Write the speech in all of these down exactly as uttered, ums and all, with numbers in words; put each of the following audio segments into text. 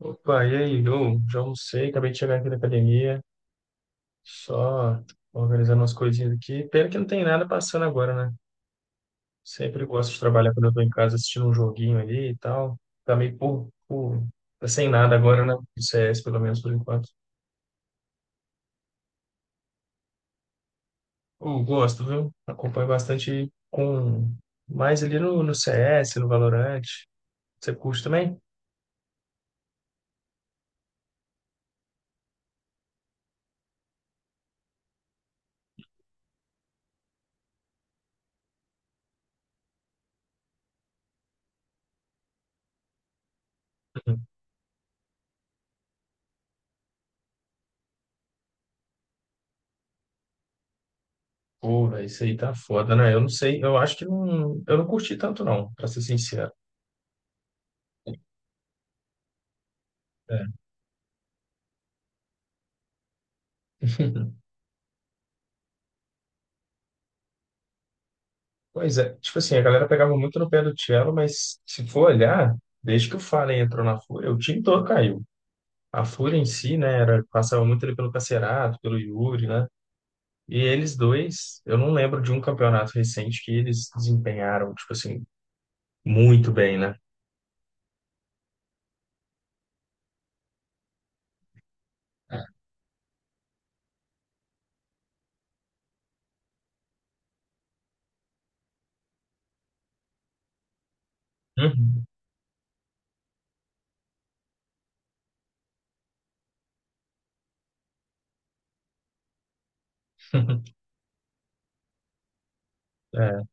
Opa, e aí? Eu já almocei, acabei de chegar aqui da academia, só organizando umas coisinhas aqui. Pena que não tem nada passando agora, né? Sempre gosto de trabalhar quando eu tô em casa assistindo um joguinho ali e tal. Tá meio por, por... tá sem nada agora, né? Do C S, pelo menos por enquanto. Eu gosto, viu? Acompanho bastante com... mais ali no, no C S, no Valorant. Você curte também? Uhum. Pô, véi, isso aí tá foda, né? Eu não sei, eu acho que não. Eu não curti tanto, não, pra ser sincero. É. Pois é, tipo assim, a galera pegava muito no pé do Cello, mas se for olhar, desde que o Fallen entrou na Fúria, o time todo caiu. A Fúria em si, né, era, passava muito ali pelo Cacerato, pelo Yuri, né? E eles dois, eu não lembro de um campeonato recente que eles desempenharam, tipo assim, muito bem, né? Uhum. É,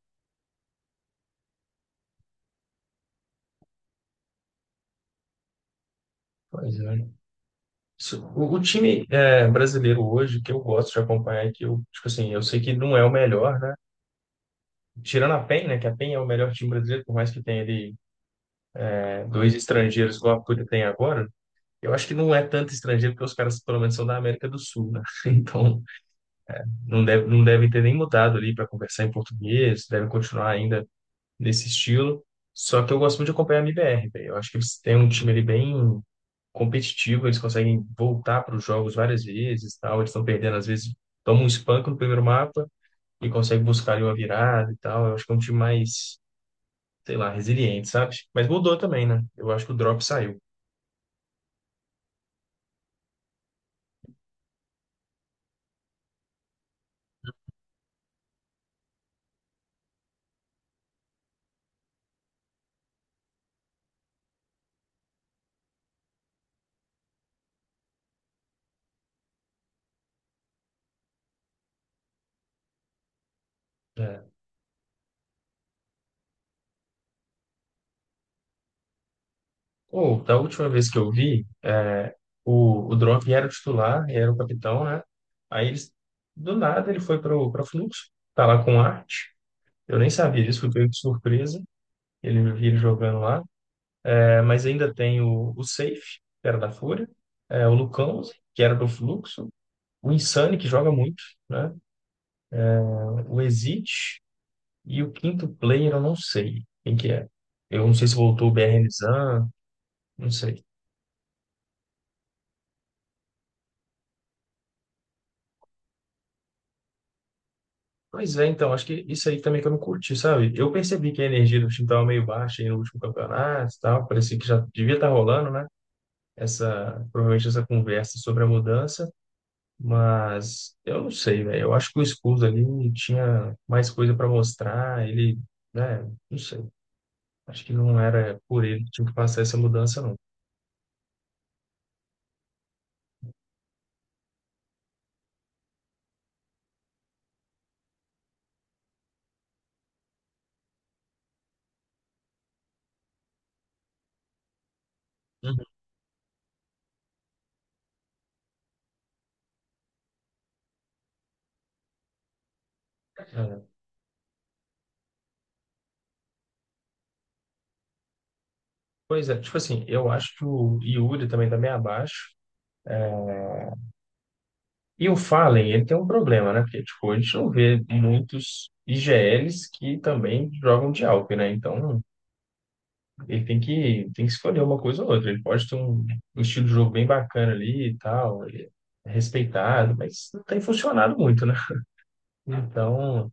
pois é. Isso- O, o time é, brasileiro hoje, que eu gosto de acompanhar, que eu, tipo assim, eu sei que não é o melhor, né? Tirando a pen, né? Que a pen é o melhor time brasileiro, por mais que tenha ali dois estrangeiros igual a Púria tem agora, eu acho que não é tanto estrangeiro, porque os caras pelo menos são da América do Sul, né? Então não deve, não devem ter nem mudado ali para conversar em português, devem continuar ainda nesse estilo. Só que eu gosto muito de acompanhar a M B R, velho. Eu acho que eles têm um time ali bem competitivo, eles conseguem voltar para os jogos várias vezes, tal. Eles estão perdendo, às vezes tomam um espanco no primeiro mapa e conseguem buscar ali uma virada e tal. Eu acho que é um time mais, sei lá, resiliente, sabe? Mas mudou também, né? Eu acho que o drop saiu, né? Ou, da última vez que eu vi, é, o, o Drop era o titular, era o capitão, né? Aí, eles, do nada, ele foi para o Fluxo, tá lá com o Arte. Eu nem sabia disso, fui pego de surpresa. Ele vi ele jogando lá. É, mas ainda tem o, o Safe, que era da Fúria, é, o Lucão, que era do Fluxo, o Insane, que joga muito, né? O Exit e o quinto player, eu não sei quem que é. Eu não sei se voltou o B R Nizam, não sei. Pois é, então, acho que isso aí também que eu não curti, sabe? Eu percebi que a energia do time estava meio baixa aí no último campeonato e tal, parecia que já devia estar rolando, né? Essa, provavelmente essa conversa sobre a mudança, mas eu não sei, velho. Eu acho que o Scuso ali tinha mais coisa para mostrar, ele, né? Não sei. Acho que não era por ele que tinha que passar essa mudança, não. Uhum. É, pois é, tipo assim, eu acho que o Yuri também tá meio abaixo. E o Fallen, ele tem um problema, né? Porque, tipo, a gente não vê muitos I G Ls que também jogam de Alp, né? Então, ele tem que, tem que escolher uma coisa ou outra. Ele pode ter um, um estilo de jogo bem bacana ali e tal, ele é respeitado, mas não tem funcionado muito, né? Então,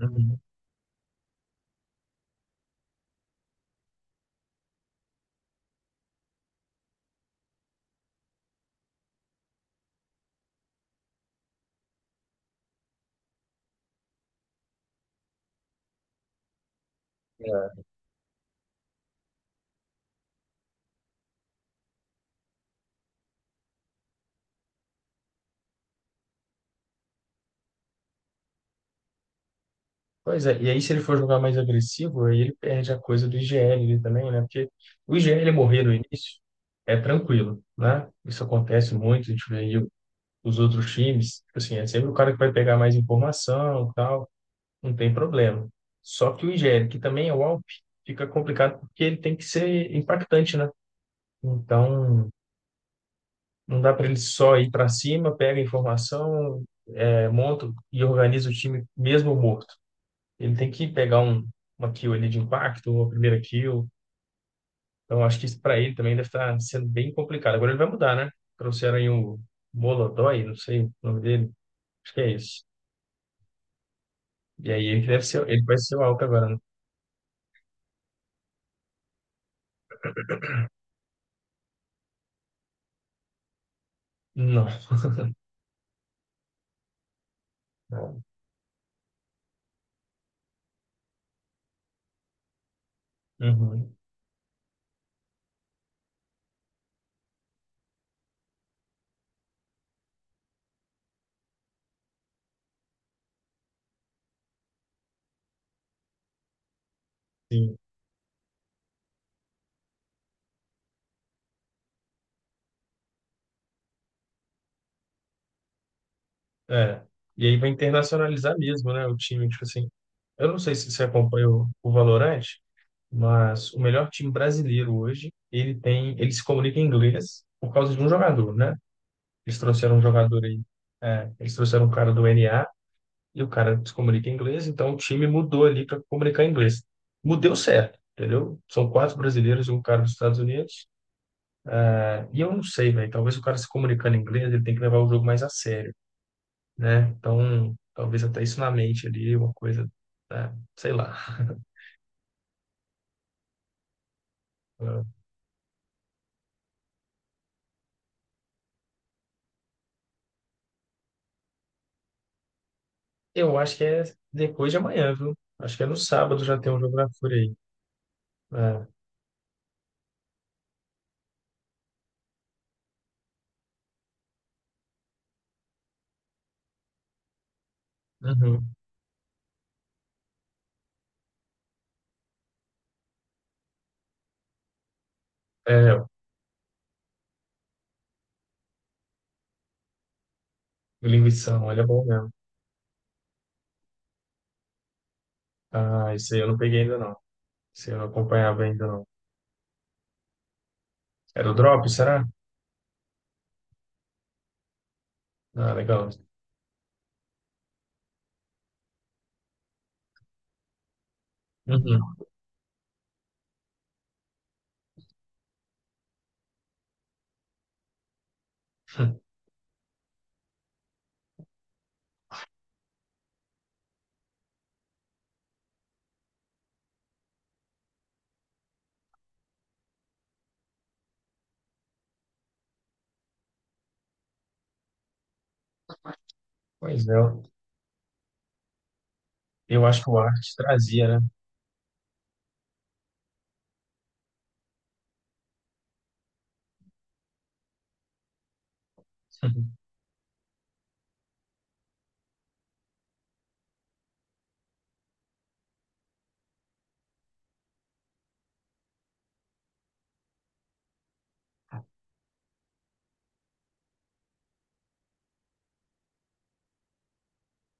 uhum, pois é. E aí, se ele for jogar mais agressivo, aí ele perde a coisa do I G L ali também, né? Porque o I G L morrer no início é tranquilo, né? Isso acontece muito, a gente vê aí os outros times, tipo assim, é sempre o cara que vai pegar mais informação e tal, não tem problema. Só que o Igério, que também é o Alp, fica complicado porque ele tem que ser impactante, né? Então, não dá para ele só ir para cima, pega a informação, é, monta e organiza o time mesmo morto. Ele tem que pegar um, uma kill ali de impacto, uma primeira kill. Então, acho que isso para ele também deve estar sendo bem complicado. Agora ele vai mudar, né? Trouxeram aí o Molodói, não sei o nome dele. Acho que é isso. E aí ele deve ser, ele vai ser o Alckmin agora, né? Não. Uhum, sim. É. E aí vai internacionalizar mesmo, né? O time, tipo assim. Eu não sei se você acompanha o, o Valorant, mas o melhor time brasileiro hoje, ele tem, ele se comunica em inglês por causa de um jogador, né? Eles trouxeram um jogador aí, é, eles trouxeram um cara do N A e o cara se comunica em inglês, então o time mudou ali para comunicar em inglês. Mudeu certo, entendeu? São quatro brasileiros e um cara dos Estados Unidos. E eu não sei, velho. Talvez o cara se comunicando em inglês, ele tem que levar o jogo mais a sério, né? Então, talvez até isso na mente ali, uma coisa, né? Sei lá. Eu acho que é depois de amanhã, viu? Acho que é no sábado já tem um jogo da Fúria aí. É, uhum. É, o Linguição, olha, é bom mesmo. Ah, isso aí eu não peguei ainda não. Isso aí eu não acompanhava ainda não. Era o Drop, será? Ah, legal. Uhum. Pois é, eu acho que o Arte trazia, né?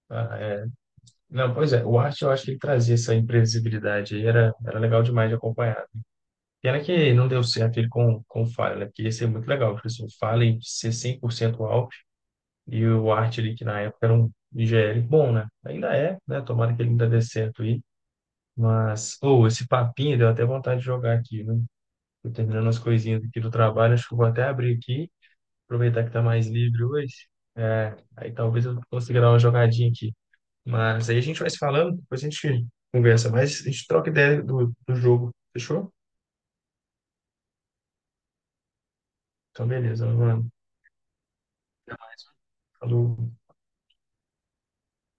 Ah, é. Não, pois é, o Arte eu acho que ele trazia essa imprevisibilidade aí, era, era legal demais de acompanhar. Pena que não deu certo ele com, com o Fallen, né? Porque ia ser muito legal, porque assim, o Fallen ser cem por cento Alp e o Arte ali, que na época era um I G L bom, né? Ainda é, né? Tomara que ele ainda dê certo aí. Mas, ou esse papinho deu até vontade de jogar aqui, né? Tô terminando as coisinhas aqui do trabalho, acho que eu vou até abrir aqui, aproveitar que tá mais livre hoje. É, aí talvez eu consiga dar uma jogadinha aqui. Mas aí a gente vai se falando, depois a gente conversa mais, a gente troca ideia do, do jogo. Fechou? Então, beleza, mano. Até mais. Falou.